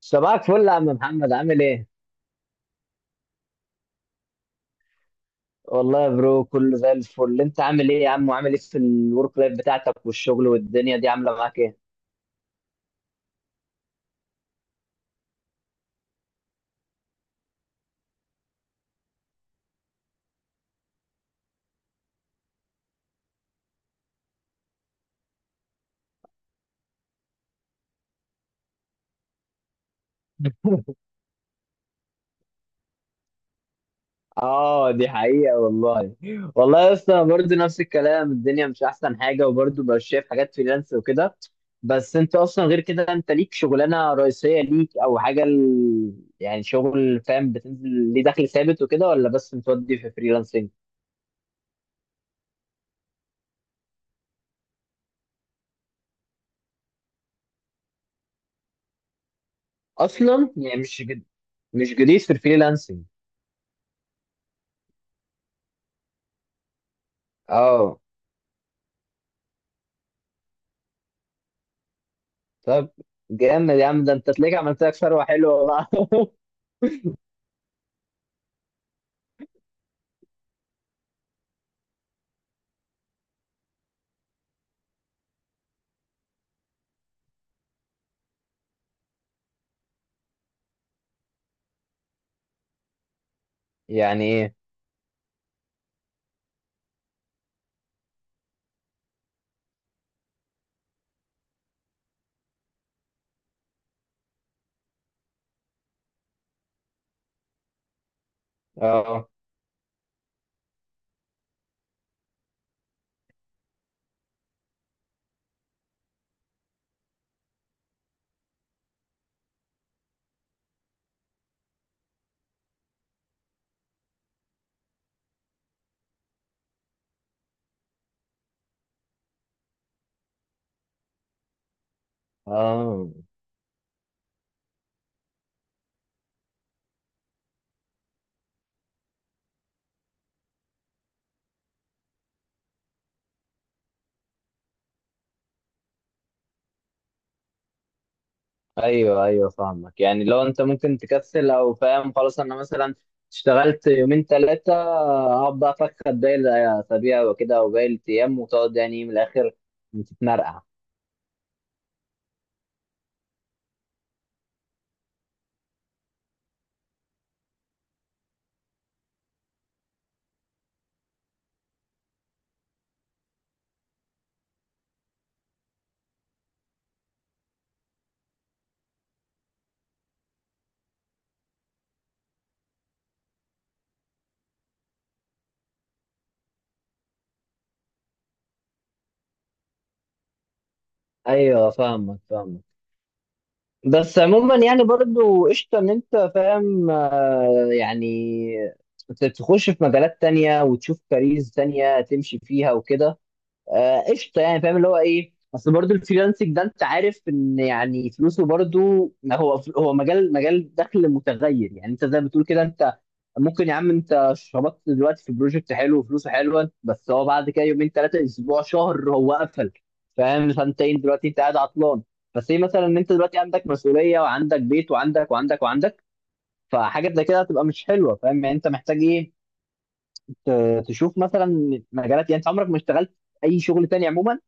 صباحك فل يا عم محمد، عامل ايه؟ والله يا برو كله زي الفل، انت عامل ايه يا عم، وعامل ايه في الورك لايف بتاعتك والشغل؟ والدنيا دي عامله معاك ايه؟ اه، دي حقيقة والله. والله يا اسطى، أنا برضه نفس الكلام، الدنيا مش احسن حاجة، وبرضه بقى شايف حاجات فريلانس وكده. بس انت اصلا غير كده، انت ليك شغلانة رئيسية ليك او حاجة يعني شغل، فاهم، بتنزل ليه دخل ثابت وكده، ولا بس متودي في فريلانسنج؟ اصلا يعني مش جديد في الفريلانسنج. اه، طب جامد يا عم، ده انت تلاقيك عملت لك ثروة حلوة بقى. يعني ايه؟ اه اه. ايوه ايوه، فاهمك، يعني لو انت ممكن تكسل او فاهم، خلاص انا مثلا اشتغلت يومين ثلاثة، اقعد بقى افكر باقي الاسابيع وكده وباقي الايام، وتقعد يعني إيه، من الاخر بتتمرقع. ايوه، فاهمك فاهمك. بس عموما يعني برضو قشطة ان انت فاهم، يعني تخش في مجالات تانية وتشوف كاريرز تانية تمشي فيها وكده. قشطه، يعني فاهم اللي هو ايه، اصل برضو الفريلانسنج ده انت عارف ان يعني فلوسه، برضو هو مجال دخل متغير. يعني انت زي ما بتقول كده، انت ممكن يا عم انت شبطت دلوقتي في بروجكت حلو وفلوسه حلوه، بس هو بعد كده يومين ثلاثه اسبوع شهر هو قفل، فاهم، سنتين دلوقتي انت قاعد عطلان. بس ايه مثلا ان انت دلوقتي عندك مسؤوليه وعندك بيت وعندك وعندك وعندك، فحاجه زي كده هتبقى مش حلوه، فاهم، يعني انت محتاج ايه، تشوف مثلا مجالات، يعني انت عمرك ما اشتغلت اي شغل تاني عموما.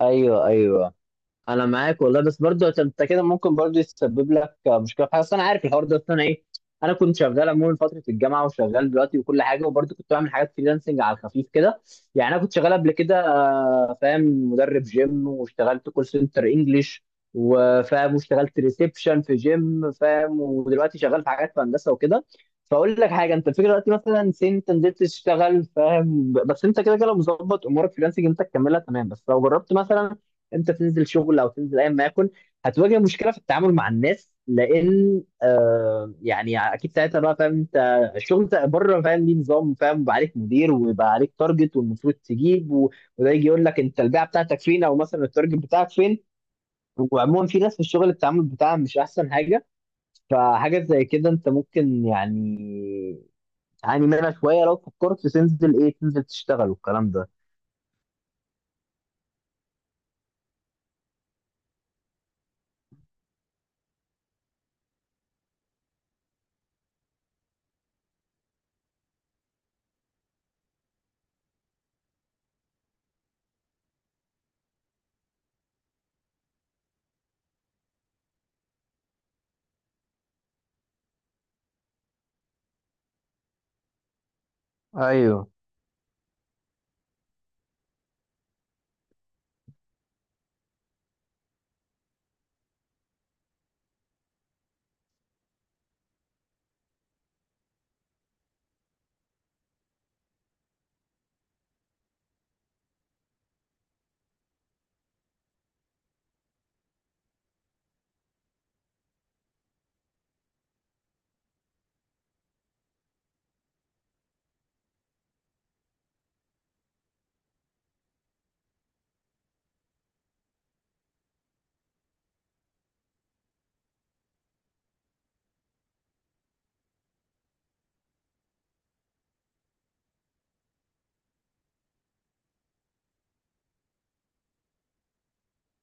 ايوه ايوه، انا معاك والله، بس برضو انت كده ممكن برضو يسبب لك مشكله في حاجه. اصل انا عارف الحوار ده، اصل انا ايه، انا كنت شغال عموما فتره الجامعه وشغال دلوقتي وكل حاجه، وبرضو كنت بعمل حاجات فريلانسنج على الخفيف كده. يعني انا كنت شغال قبل كده، فاهم، مدرب جيم، واشتغلت كول سنتر انجلش، وفاهم واشتغلت ريسبشن في جيم، فاهم، ودلوقتي شغال في حاجات في هندسه وكده. فاقول لك حاجه، انت الفكره دلوقتي مثلا سن انت نزلت تشتغل، فاهم، بس انت كده كده لو مظبط امورك فريلانسنج انت تكملها تمام، بس لو جربت مثلا امتى تنزل شغل او تنزل ايا ما يكن، هتواجه مشكله في التعامل مع الناس، لان يعني اكيد ساعتها بقى، فاهم، انت الشغل بتاع بره، فاهم، ليه نظام، فاهم، بقى عليك مدير ويبقى عليك تارجت، والمفروض تجيب وده يجي يقول لك انت البيعه بتاعتك فين، او مثلا التارجت بتاعك فين. وعموما في ناس في الشغل التعامل بتاعها مش احسن حاجه، فحاجه زي كده انت ممكن يعني تعاني منها شويه لو فكرت تنزل ايه، تنزل تشتغل والكلام ده. ايوه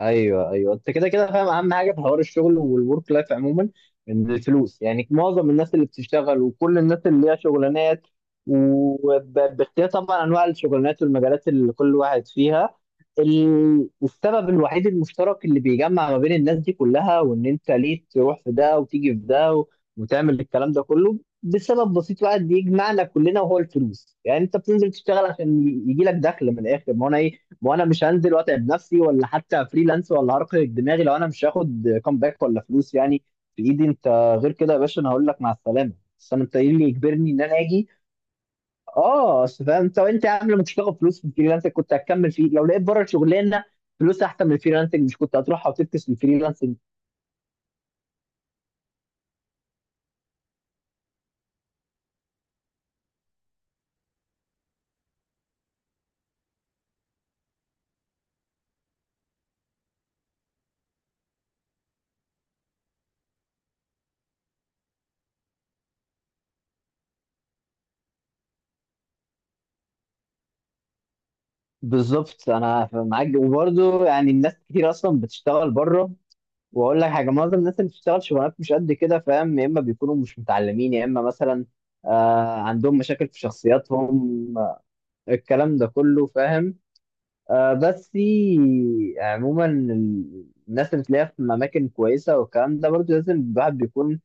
ايوه ايوه، انت كده كده فاهم اهم حاجه في حوار الشغل والورك لايف عموما، ان الفلوس يعني معظم الناس اللي بتشتغل وكل الناس اللي ليها شغلانات، وباختيار طبعا انواع الشغلانات والمجالات اللي كل واحد فيها، السبب الوحيد المشترك اللي بيجمع ما بين الناس دي كلها، وان انت ليه تروح في ده وتيجي في ده وتعمل الكلام ده كله، بسبب بسيط واحد بيجمعنا كلنا وهو الفلوس. يعني انت بتنزل تشتغل عشان يجي لك دخل، من الاخر ما هو انا إيه، وانا مش هنزل واتعب نفسي، ولا حتى فريلانس ولا هرق دماغي لو انا مش هاخد كومباك ولا فلوس يعني في ايدي انت. غير كده يا باشا انا هقول لك مع السلامه، بس انا انت إيه اللي يجبرني ان انا اجي؟ اه، اصل فاهم انت، وانت يا عم لما مش هتاخد فلوس في الفريلانس كنت هتكمل فيه؟ لو لقيت بره الشغلانه فلوس احسن من الفريلانسنج، مش كنت هتروحها وتفكس في الفريلانسنج؟ بالظبط، انا معاك. وبرده يعني الناس كتير اصلا بتشتغل بره، واقول لك حاجه، معظم الناس اللي بتشتغل شغلانات مش قد كده، فاهم، يا اما بيكونوا مش متعلمين، يا اما مثلا عندهم مشاكل في شخصياتهم، الكلام ده كله، فاهم. بس عموما الناس اللي تلاقيها في اماكن كويسه، والكلام ده برضو لازم الواحد بيكون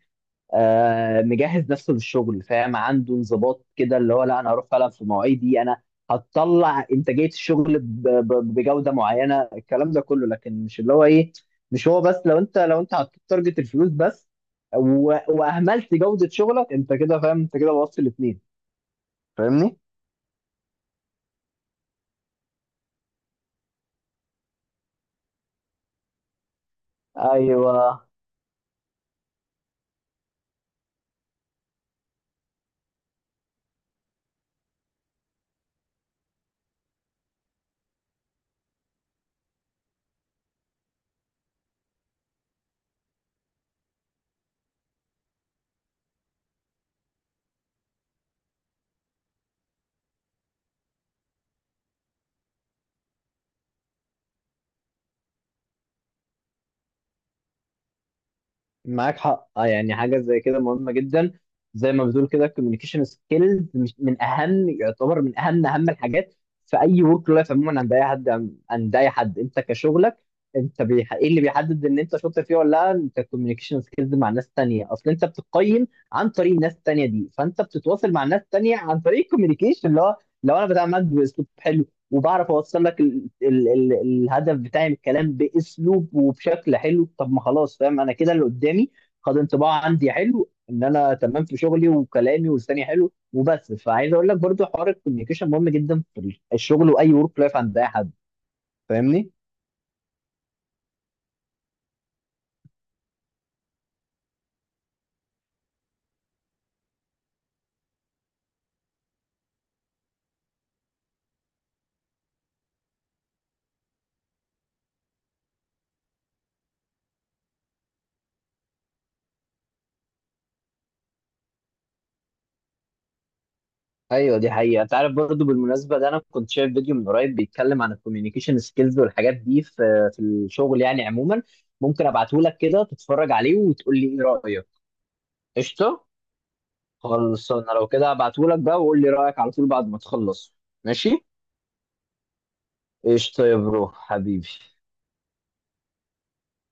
مجهز نفسه للشغل، فاهم، عنده انضباط كده اللي هو لا انا هروح فعلا في مواعيدي، انا هتطلع انتاجيه الشغل بجوده معينه، الكلام ده كله، لكن مش اللي هو ايه، مش هو بس. لو انت حطيت تارجت الفلوس بس واهملت جوده شغلك، انت كده فاهم، انت كده بوظت الاثنين. فاهمني؟ ايوه، معاك حق، يعني حاجه زي كده مهمه جدا. زي ما بتقول كده الكوميونيكيشن سكيلز مش من اهم، يعتبر من اهم الحاجات في اي ورك لايف عموما عند اي حد، عند اي حد انت كشغلك، انت ايه اللي بيحدد ان انت شاطر فيه ولا لا، انت الكوميونيكيشن سكيلز مع ناس تانية، اصل انت بتقيم عن طريق الناس التانية دي، فانت بتتواصل مع ناس تانية عن طريق الكوميونيكيشن اللي هو لو انا بتعامل معاك باسلوب حلو، وبعرف اوصل لك ال الهدف بتاعي من الكلام باسلوب وبشكل حلو، طب ما خلاص، فاهم انا كده اللي قدامي خد انطباع عندي حلو ان انا تمام في شغلي وكلامي والثاني حلو وبس. فعايز اقول لك برضو حوار الكوميونيكيشن مهم جدا في الشغل واي ورك لايف عند اي حد. فاهمني؟ ايوه دي حقيقه، انت عارف برضو بالمناسبه ده انا كنت شايف فيديو من قريب بيتكلم عن الكوميونيكيشن سكيلز والحاجات دي في الشغل يعني عموما، ممكن ابعته لك كده تتفرج عليه وتقول لي ايه رايك. قشطه. خلص انا لو كده هبعتهولك بقى، وقول لي رأيك على طول بعد ما تخلص. ماشي. قشطة يا برو، حبيبي.